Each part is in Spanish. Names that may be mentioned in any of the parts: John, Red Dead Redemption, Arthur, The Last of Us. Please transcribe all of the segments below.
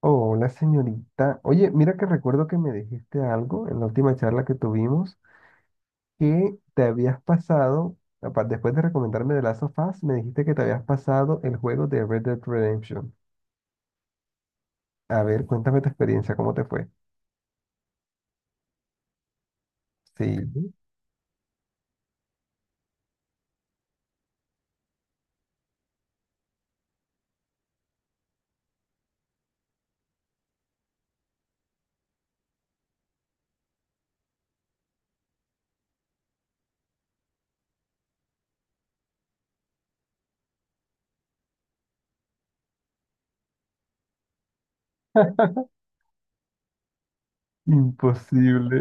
Oh, una señorita. Oye, mira que recuerdo que me dijiste algo en la última charla que tuvimos, que te habías pasado, después de recomendarme The Last of Us, me dijiste que te habías pasado el juego de Red Dead Redemption. A ver, cuéntame tu experiencia, ¿cómo te fue? Sí, imposible.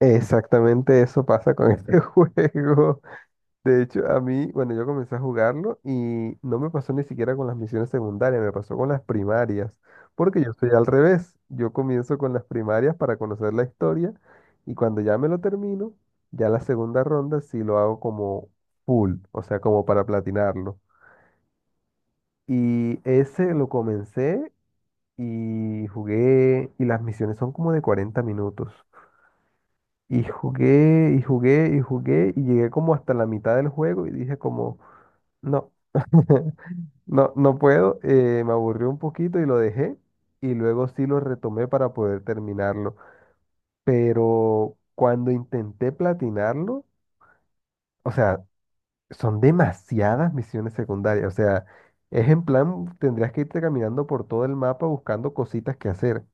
Exactamente eso pasa con este juego. De hecho, a mí, bueno, yo comencé a jugarlo y no me pasó ni siquiera con las misiones secundarias, me pasó con las primarias, porque yo soy al revés. Yo comienzo con las primarias para conocer la historia y cuando ya me lo termino, ya la segunda ronda sí lo hago como full, o sea, como para platinarlo. Y ese lo comencé y jugué, y las misiones son como de 40 minutos. Y jugué, y jugué, y jugué, y llegué como hasta la mitad del juego y dije como, no. No, no puedo, me aburrió un poquito y lo dejé y luego sí lo retomé para poder terminarlo. Pero cuando intenté platinarlo, o sea, son demasiadas misiones secundarias, o sea, es en plan, tendrías que irte caminando por todo el mapa buscando cositas que hacer.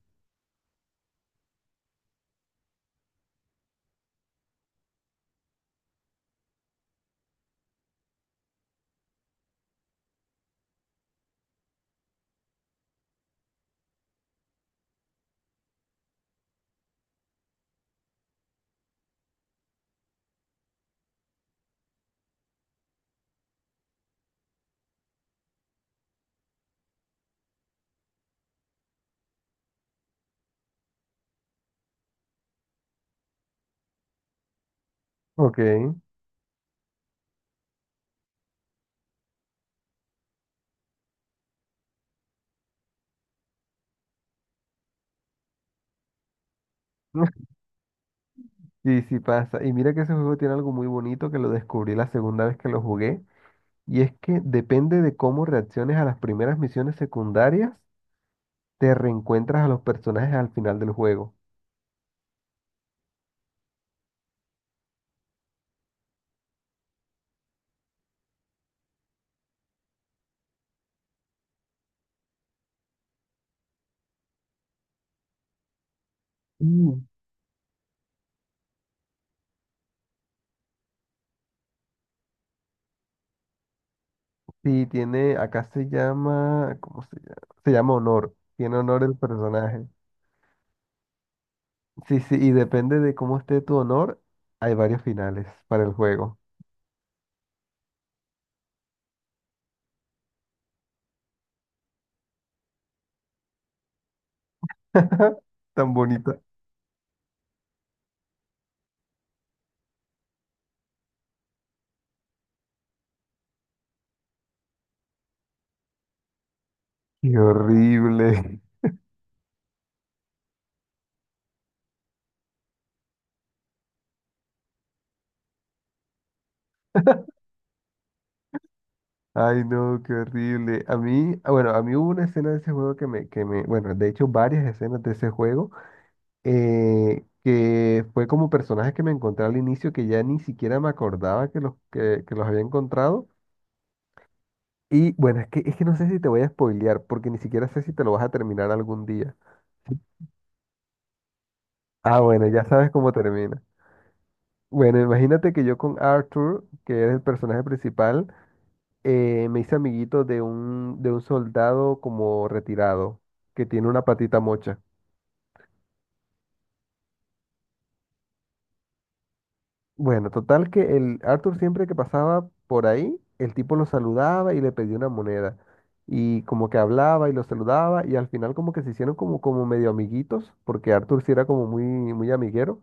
Ok. Sí, sí pasa. Y mira que ese juego tiene algo muy bonito que lo descubrí la segunda vez que lo jugué. Y es que depende de cómo reacciones a las primeras misiones secundarias, te reencuentras a los personajes al final del juego. Mm. Sí, tiene, acá se llama, ¿cómo se llama? Se llama honor, tiene honor el personaje. Sí, sí, y depende de cómo esté tu honor, hay varios finales para el juego. Tan bonita. Qué horrible. Ay, no, qué horrible. A mí, ah, bueno, a mí hubo una escena de ese juego que me, bueno, de hecho varias escenas de ese juego que fue como personajes que me encontré al inicio que ya ni siquiera me acordaba que los había encontrado. Y bueno, es que no sé si te voy a spoilear, porque ni siquiera sé si te lo vas a terminar algún día. Ah, bueno, ya sabes cómo termina. Bueno, imagínate que yo con Arthur, que es el personaje principal, me hice amiguito de un soldado como retirado, que tiene una patita mocha. Bueno, total que el Arthur siempre que pasaba por ahí, el tipo lo saludaba y le pedía una moneda. Y como que hablaba y lo saludaba y al final como que se hicieron como, como medio amiguitos, porque Arthur sí era como muy, muy amiguero.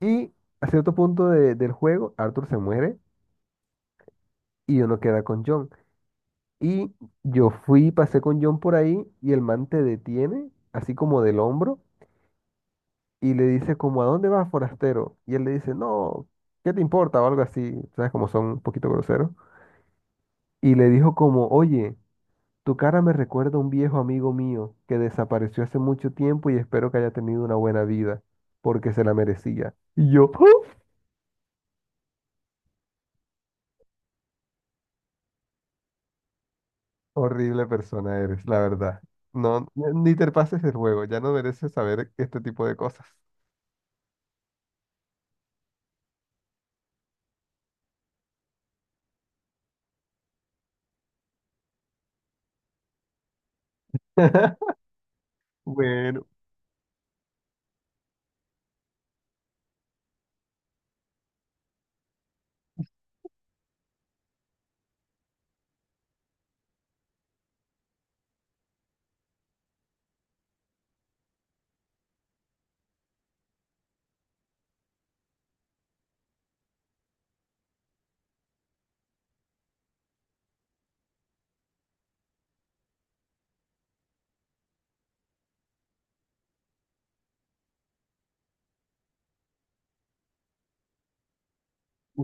Y a cierto punto del juego, Arthur se muere y uno queda con John. Y yo fui, pasé con John por ahí y el man te detiene, así como del hombro, y le dice como, ¿a dónde vas, forastero? Y él le dice, no, ¿qué te importa? O algo así, ¿sabes? Como son un poquito groseros. Y le dijo como, oye, tu cara me recuerda a un viejo amigo mío que desapareció hace mucho tiempo y espero que haya tenido una buena vida, porque se la merecía. Y yo, ¡oh! Horrible persona eres, la verdad. No, ni te pases el juego, ya no mereces saber este tipo de cosas. Bueno,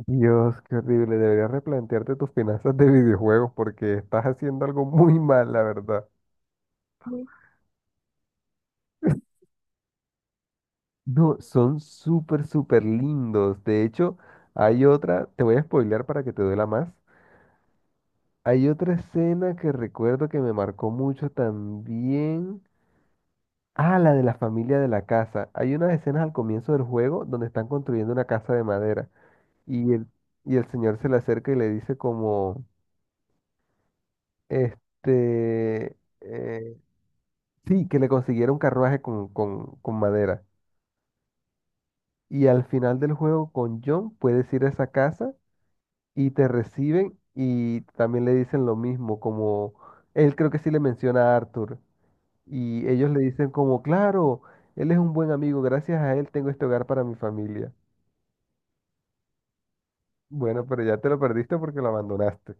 Dios, qué horrible. Deberías replantearte tus finanzas de videojuegos porque estás haciendo algo muy mal, la verdad. No, son súper, súper lindos. De hecho, hay otra, te voy a spoilear para que te duela más. Hay otra escena que recuerdo que me marcó mucho también. Ah, la de la familia de la casa. Hay unas escenas al comienzo del juego donde están construyendo una casa de madera y el, y el señor se le acerca y le dice como, este, eh, sí, que le consiguiera un carruaje con madera. Y al final del juego con John puedes ir a esa casa y te reciben y también le dicen lo mismo, como él creo que sí le menciona a Arthur y ellos le dicen como, claro, él es un buen amigo, gracias a él tengo este hogar para mi familia. Bueno, pero ya te lo perdiste porque lo abandonaste.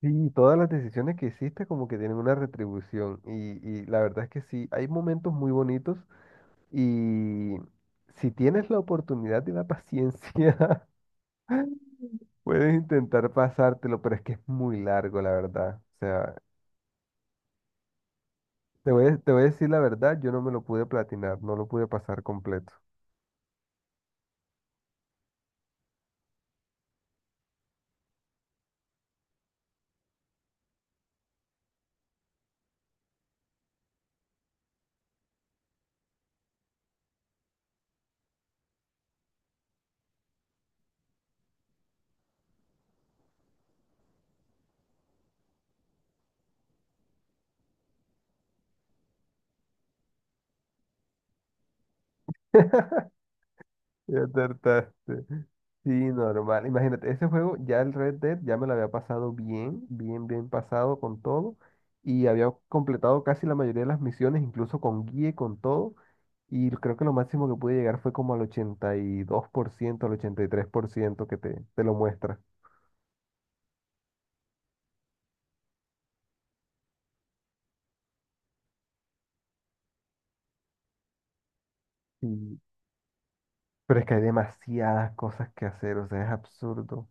Sí, todas las decisiones que hiciste como que tienen una retribución y la verdad es que sí, hay momentos muy bonitos y si tienes la oportunidad y la paciencia, puedes intentar pasártelo, pero es que es muy largo, la verdad. O sea, te voy a, te voy a decir la verdad, yo no me lo pude platinar, no lo pude pasar completo. Ya acertaste. Sí, normal. Imagínate, ese juego, ya el Red Dead, ya me lo había pasado bien, bien, bien pasado con todo. Y había completado casi la mayoría de las misiones, incluso con guía y con todo. Y creo que lo máximo que pude llegar fue como al 82% al 83% que te lo muestra. Y- Pero es que hay demasiadas cosas que hacer, o sea, es absurdo.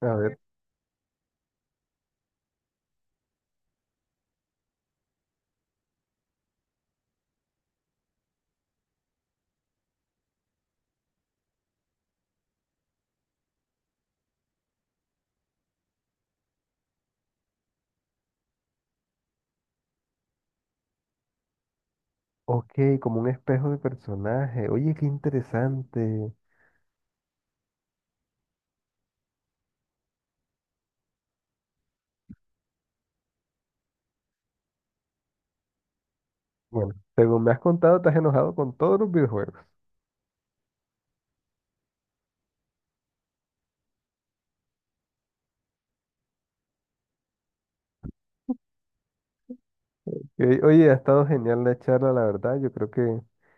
A ver. Ok, como un espejo de personaje. Oye, qué interesante. Bueno, según me has contado, estás enojado con todos los videojuegos. Oye, ha estado genial la charla, la verdad. Yo creo que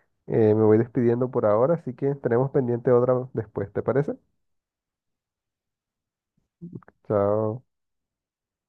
me voy despidiendo por ahora, así que tenemos pendiente otra después, ¿te parece? Chao.